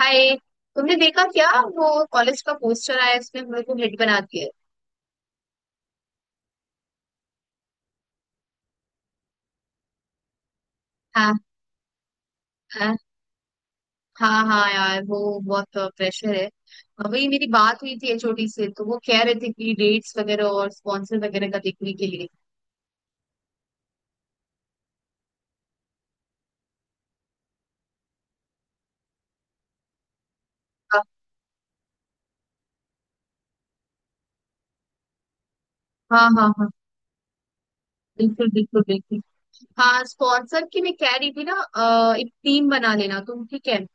हाय। तुमने देखा क्या वो कॉलेज का पोस्टर आया है, उसने मेरे को हिट बना दिया है। हाँ। हाँ हाँ हाँ यार वो बहुत प्रेशर है। हाँ, वही मेरी बात हुई थी एचओडी से तो वो कह रहे थे कि डेट्स वगैरह और स्पॉन्सर वगैरह का देखने के लिए। हाँ हाँ हाँ हाँ, बिल्कुल बिल्कुल बिल्कुल। हाँ स्पॉन्सर की मैं कह रही थी ना, एक टीम बना लेना तुम, ठीक है।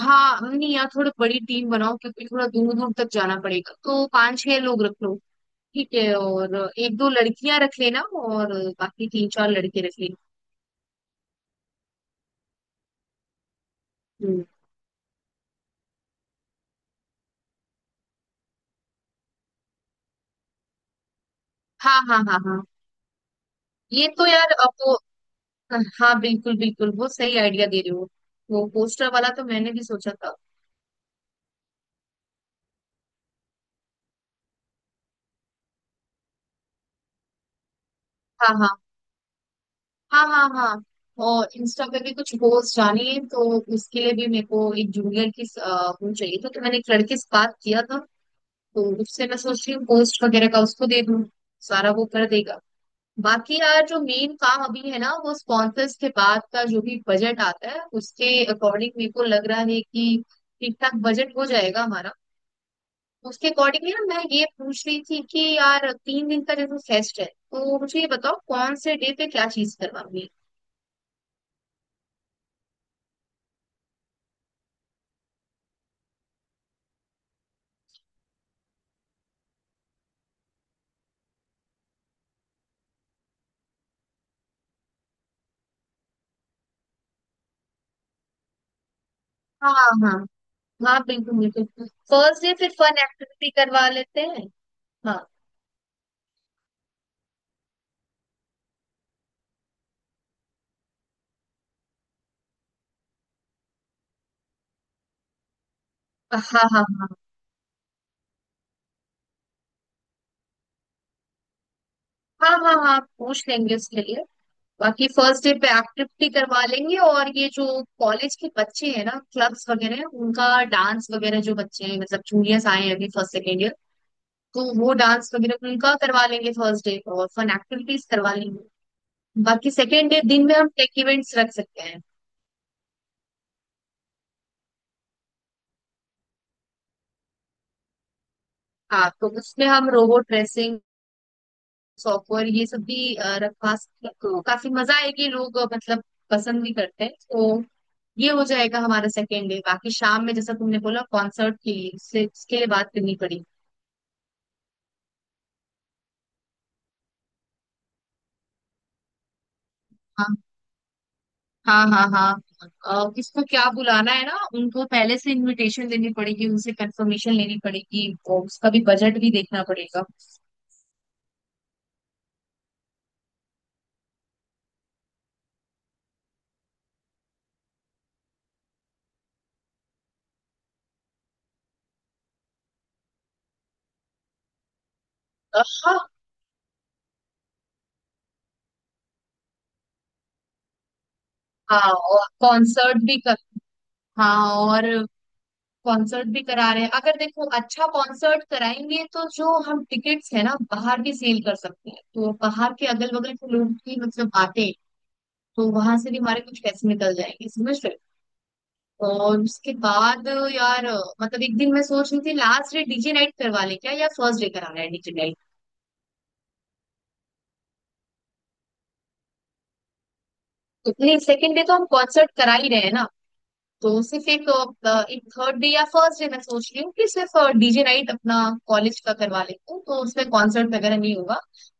हाँ नहीं यार थोड़ी बड़ी टीम बनाओ क्योंकि थोड़ा दूर दूर तक जाना पड़ेगा तो पांच छह लोग रख लो। ठीक है। और एक दो लड़कियां रख लेना और बाकी तीन चार लड़के रख लेना। हम्म। हाँ हाँ हाँ हाँ ये तो यार अब वो। हाँ बिल्कुल बिल्कुल वो सही आइडिया दे रहे हो। वो पोस्टर वाला तो मैंने भी सोचा था। हाँ हाँ हाँ हाँ हाँ। और इंस्टा पे भी कुछ पोस्ट आनी है तो उसके लिए भी मेरे को एक जूनियर की वो चाहिए था तो मैंने एक लड़के से बात किया था। तो उससे मैं सोच रही हूँ पोस्ट वगैरह का उसको दे दूँ, सारा वो कर देगा। बाकी यार जो मेन काम अभी है ना वो स्पॉन्सर्स के बाद का जो भी बजट आता है उसके अकॉर्डिंग मेरे को लग रहा है कि ठीक ठाक बजट हो जाएगा हमारा। उसके अकॉर्डिंगली ना मैं ये पूछ रही थी कि यार तीन दिन का जैसे फेस्ट है तो मुझे ये बताओ कौन से डे पे क्या चीज करवानी है। हाँ हाँ हाँ बिल्कुल बिल्कुल फर्स्ट डे फिर फन एक्टिविटी करवा लेते हैं। हाँ हाँ हाँ हाँ। हाँ हाँ हाँ पूछ लेंगे उसके लिए। बाकी फर्स्ट डे पे एक्टिविटी करवा लेंगे और ये जो कॉलेज के बच्चे हैं ना, क्लब्स वगैरह उनका डांस वगैरह, जो बच्चे हैं मतलब जूनियर्स आए हैं अभी फर्स्ट सेकेंड ईयर, तो वो डांस वगैरह उनका करवा लेंगे फर्स्ट डे, और फन एक्टिविटीज करवा लेंगे। बाकी सेकेंड डे दिन में हम टेक इवेंट्स रख सकते हैं। हाँ तो उसमें हम रोबोट रेसिंग, सॉफ्टवेयर ये सब भी रखवा सकते हैं तो काफी मजा आएगी। लोग मतलब पसंद भी करते हैं तो ये हो जाएगा हमारा सेकेंड डे। बाकी शाम में जैसा तुमने बोला कॉन्सर्ट के लिए उससे उसके लिए बात करनी पड़ेगी। हाँ हाँ हाँ हाँ। किसको क्या बुलाना है ना, उनको पहले से इनविटेशन देनी पड़ेगी, उनसे कंफर्मेशन लेनी पड़ेगी और उसका भी बजट भी देखना पड़ेगा। हाँ। हाँ और कॉन्सर्ट भी कर, हाँ और कॉन्सर्ट भी करा रहे हैं अगर देखो। अच्छा कॉन्सर्ट कराएंगे तो जो हम टिकट्स है ना बाहर भी सेल कर सकते हैं, तो बाहर के अगल बगल के लोग भी मतलब आते हैं तो वहां से भी हमारे कुछ पैसे निकल जाएंगे, समझ रहे हो? और उसके बाद यार, मतलब एक दिन मैं सोच रही थी लास्ट डे डीजे नाइट करवा लें क्या, या फर्स्ट डे कराना है डीजे नाइट। तो नहीं सेकंड डे तो हम कॉन्सर्ट करा ही रहे हैं ना, तो सिर्फ एक, एक थर्ड डे या फर्स्ट डे मैं सोच रही हूँ कि सिर्फ डीजे नाइट अपना कॉलेज का करवा लेती हूँ, तो उसमें कॉन्सर्ट वगैरह नहीं होगा।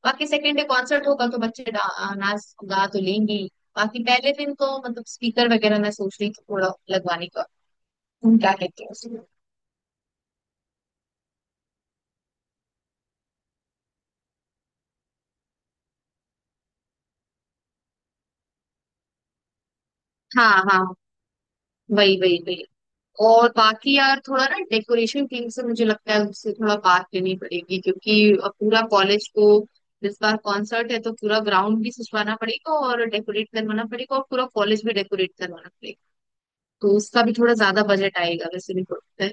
बाकी सेकेंड डे कॉन्सर्ट होगा तो बच्चे नाच गा तो लेंगे ही। बाकी पहले दिन तो मतलब स्पीकर वगैरह मैं सोच रही थी थोड़ा लगवाने का। तुम क्या कहते हो? हाँ हाँ वही वही वही। और बाकी यार थोड़ा ना डेकोरेशन टीम से मुझे लगता है उससे थोड़ा बात करनी पड़ेगी, क्योंकि अब पूरा कॉलेज को, इस बार कॉन्सर्ट है तो पूरा ग्राउंड भी सजवाना पड़ेगा और डेकोरेट करवाना पड़ेगा और पूरा कॉलेज भी डेकोरेट करवाना पड़ेगा। तो उसका भी थोड़ा ज्यादा बजट आएगा वैसे भी थोड़ा।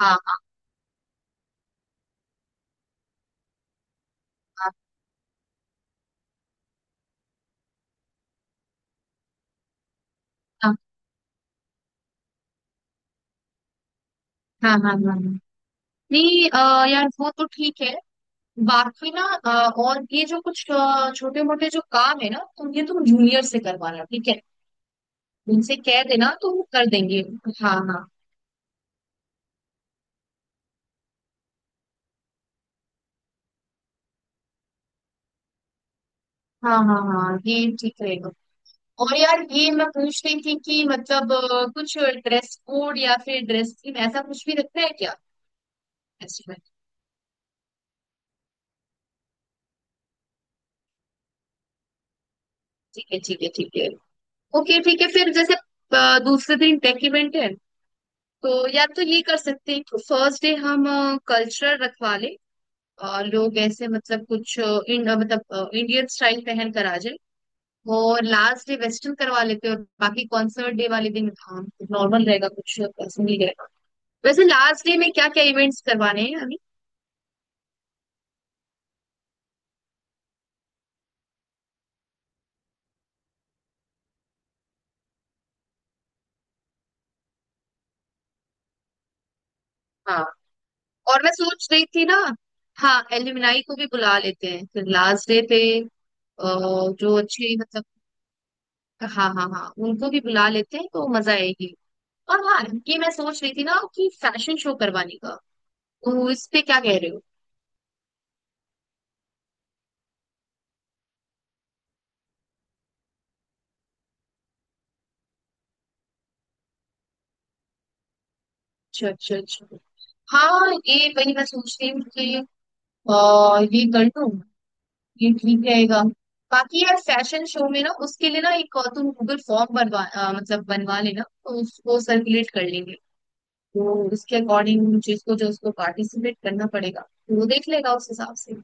हाँ हाँ हाँ हाँ। हाँ हाँ हाँ। हाँ। नहीं यार वो तो ठीक है। बाकी ना और ये जो कुछ छोटे मोटे जो काम है ना तो ये तुम जूनियर से करवाना, ठीक है? उनसे कह देना तो वो कर देंगे। हाँ हाँ। हाँ हाँ हाँ ये ठीक रहेगा। और यार ये मैं पूछ रही थी कि मतलब कुछ ड्रेस कोड या फिर ड्रेस थीम ऐसा कुछ भी रखना है क्या? फेस्टिवल। ठीक है ठीक है ठीक है। ओके ठीक है, फिर जैसे दूसरे दिन टेक इवेंट है तो या तो ये कर सकते हैं कि फर्स्ट डे हम कल्चरल रखवा लें, लोग ऐसे मतलब कुछ मतलब इंडियन स्टाइल पहन कर आ जाए। और लास्ट डे वेस्टर्न करवा लेते हैं। और बाकी कॉन्सर्ट डे वाले दिन हाँ नॉर्मल रहेगा, कुछ ऐसा नहीं रहेगा। वैसे लास्ट डे में क्या क्या इवेंट्स करवाने हैं अभी? हाँ। और मैं सोच रही थी ना, हाँ एलुमनाई को भी बुला लेते हैं फिर लास्ट डे पे अ, जो अच्छे मतलब, हाँ हाँ हाँ उनको भी बुला लेते हैं तो मजा आएगी। और हाँ, ये मैं सोच रही थी ना कि फैशन शो करवाने का। तो इस पे क्या कह रहे हो? अच्छा अच्छा अच्छा। हाँ ये वही मैं सोच रही हूँ कि ये कर लूँ, ये ठीक रहेगा। बाकी यार फैशन शो में ना, उसके लिए ना एक और तुम गूगल फॉर्म मतलब बनवा लेना तो उसको सर्कुलेट कर लेंगे। तो उसके अकॉर्डिंग जिसको जो उसको पार्टिसिपेट करना पड़ेगा तो वो देख लेगा उस हिसाब से।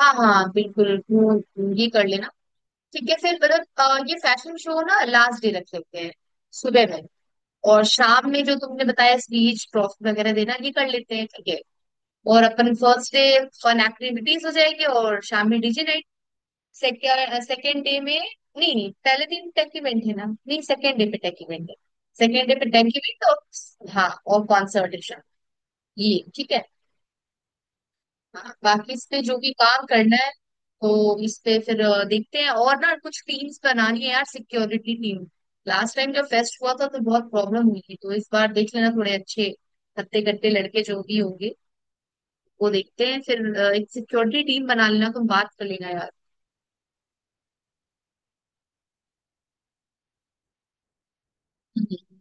हाँ हाँ बिल्कुल वो ये कर लेना। ठीक है फिर मतलब ये फैशन शो ना लास्ट डे रख लेते हैं सुबह में, और शाम में जो तुमने बताया स्पीच ट्रॉफी वगैरह देना ये कर लेते हैं, ठीक है। और अपन फर्स्ट डे फन एक्टिविटीज हो जाएंगे और शाम में डीजे, सेकेंड सेकेंड डे में, नहीं नहीं पहले दिन तक इवेंट है ना, नहीं सेकेंड डे पे टेक इवेंट है। सेकेंड डे पे टेक इवेंट और हाँ और कॉन्सर्टेशन, ये ठीक है। हाँ, बाकी इस पे जो भी काम करना है तो इस पे फिर देखते हैं। और ना कुछ टीम्स बनानी है यार, सिक्योरिटी टीम, लास्ट टाइम जब फेस्ट हुआ था तो बहुत प्रॉब्लम हुई थी, तो इस बार देख लेना थोड़े अच्छे हत्ते कट्टे लड़के जो भी होंगे वो देखते हैं, फिर एक सिक्योरिटी टीम बना लेना, तुम बात कर लेना यार। हम्म।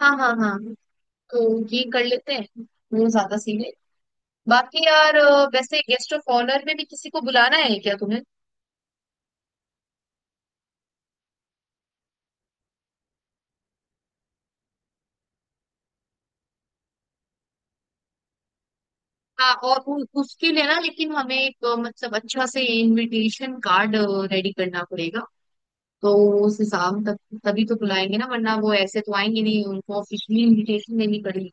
हाँ हाँ हाँ तो ये कर लेते हैं, वो ज्यादा सीन है। बाकी यार वैसे गेस्ट ऑफ ऑनर में भी किसी को बुलाना है क्या तुम्हें? हाँ और उसके लिए ना, लेकिन हमें एक मतलब अच्छा से इनविटेशन कार्ड रेडी करना पड़ेगा, तो उस हिसाब तक तभी तो बुलाएंगे ना, वरना वो ऐसे तो आएंगे नहीं, उनको ऑफिशियली इनविटेशन देनी पड़ेगी।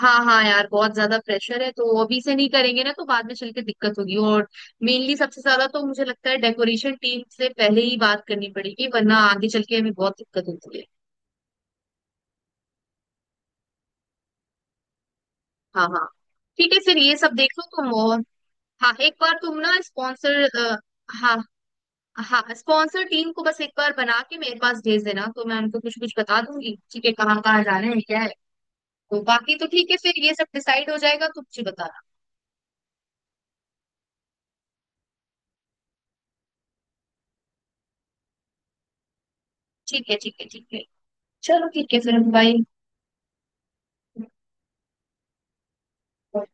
हाँ हाँ यार बहुत ज्यादा प्रेशर है, तो अभी से नहीं करेंगे ना तो बाद में चल के दिक्कत होगी। और मेनली सबसे ज्यादा तो मुझे लगता है डेकोरेशन टीम से पहले ही बात करनी पड़ेगी, वरना आगे चल के हमें बहुत दिक्कत होती है। हाँ हाँ। ठीक है फिर ये सब देख लो तुम और, हाँ एक बार तुम ना स्पॉन्सर, हाँ हाँ स्पॉन्सर टीम को बस एक बार बना के मेरे पास भेज देना तो मैं उनको कुछ कुछ बता दूंगी, ठीक है, कहाँ कहाँ जाना है क्या है। तो बाकी तो ठीक है फिर ये सब डिसाइड हो जाएगा, तुम मुझे बताना। ठीक है ठीक है ठीक है। चलो ठीक है फिर बाय।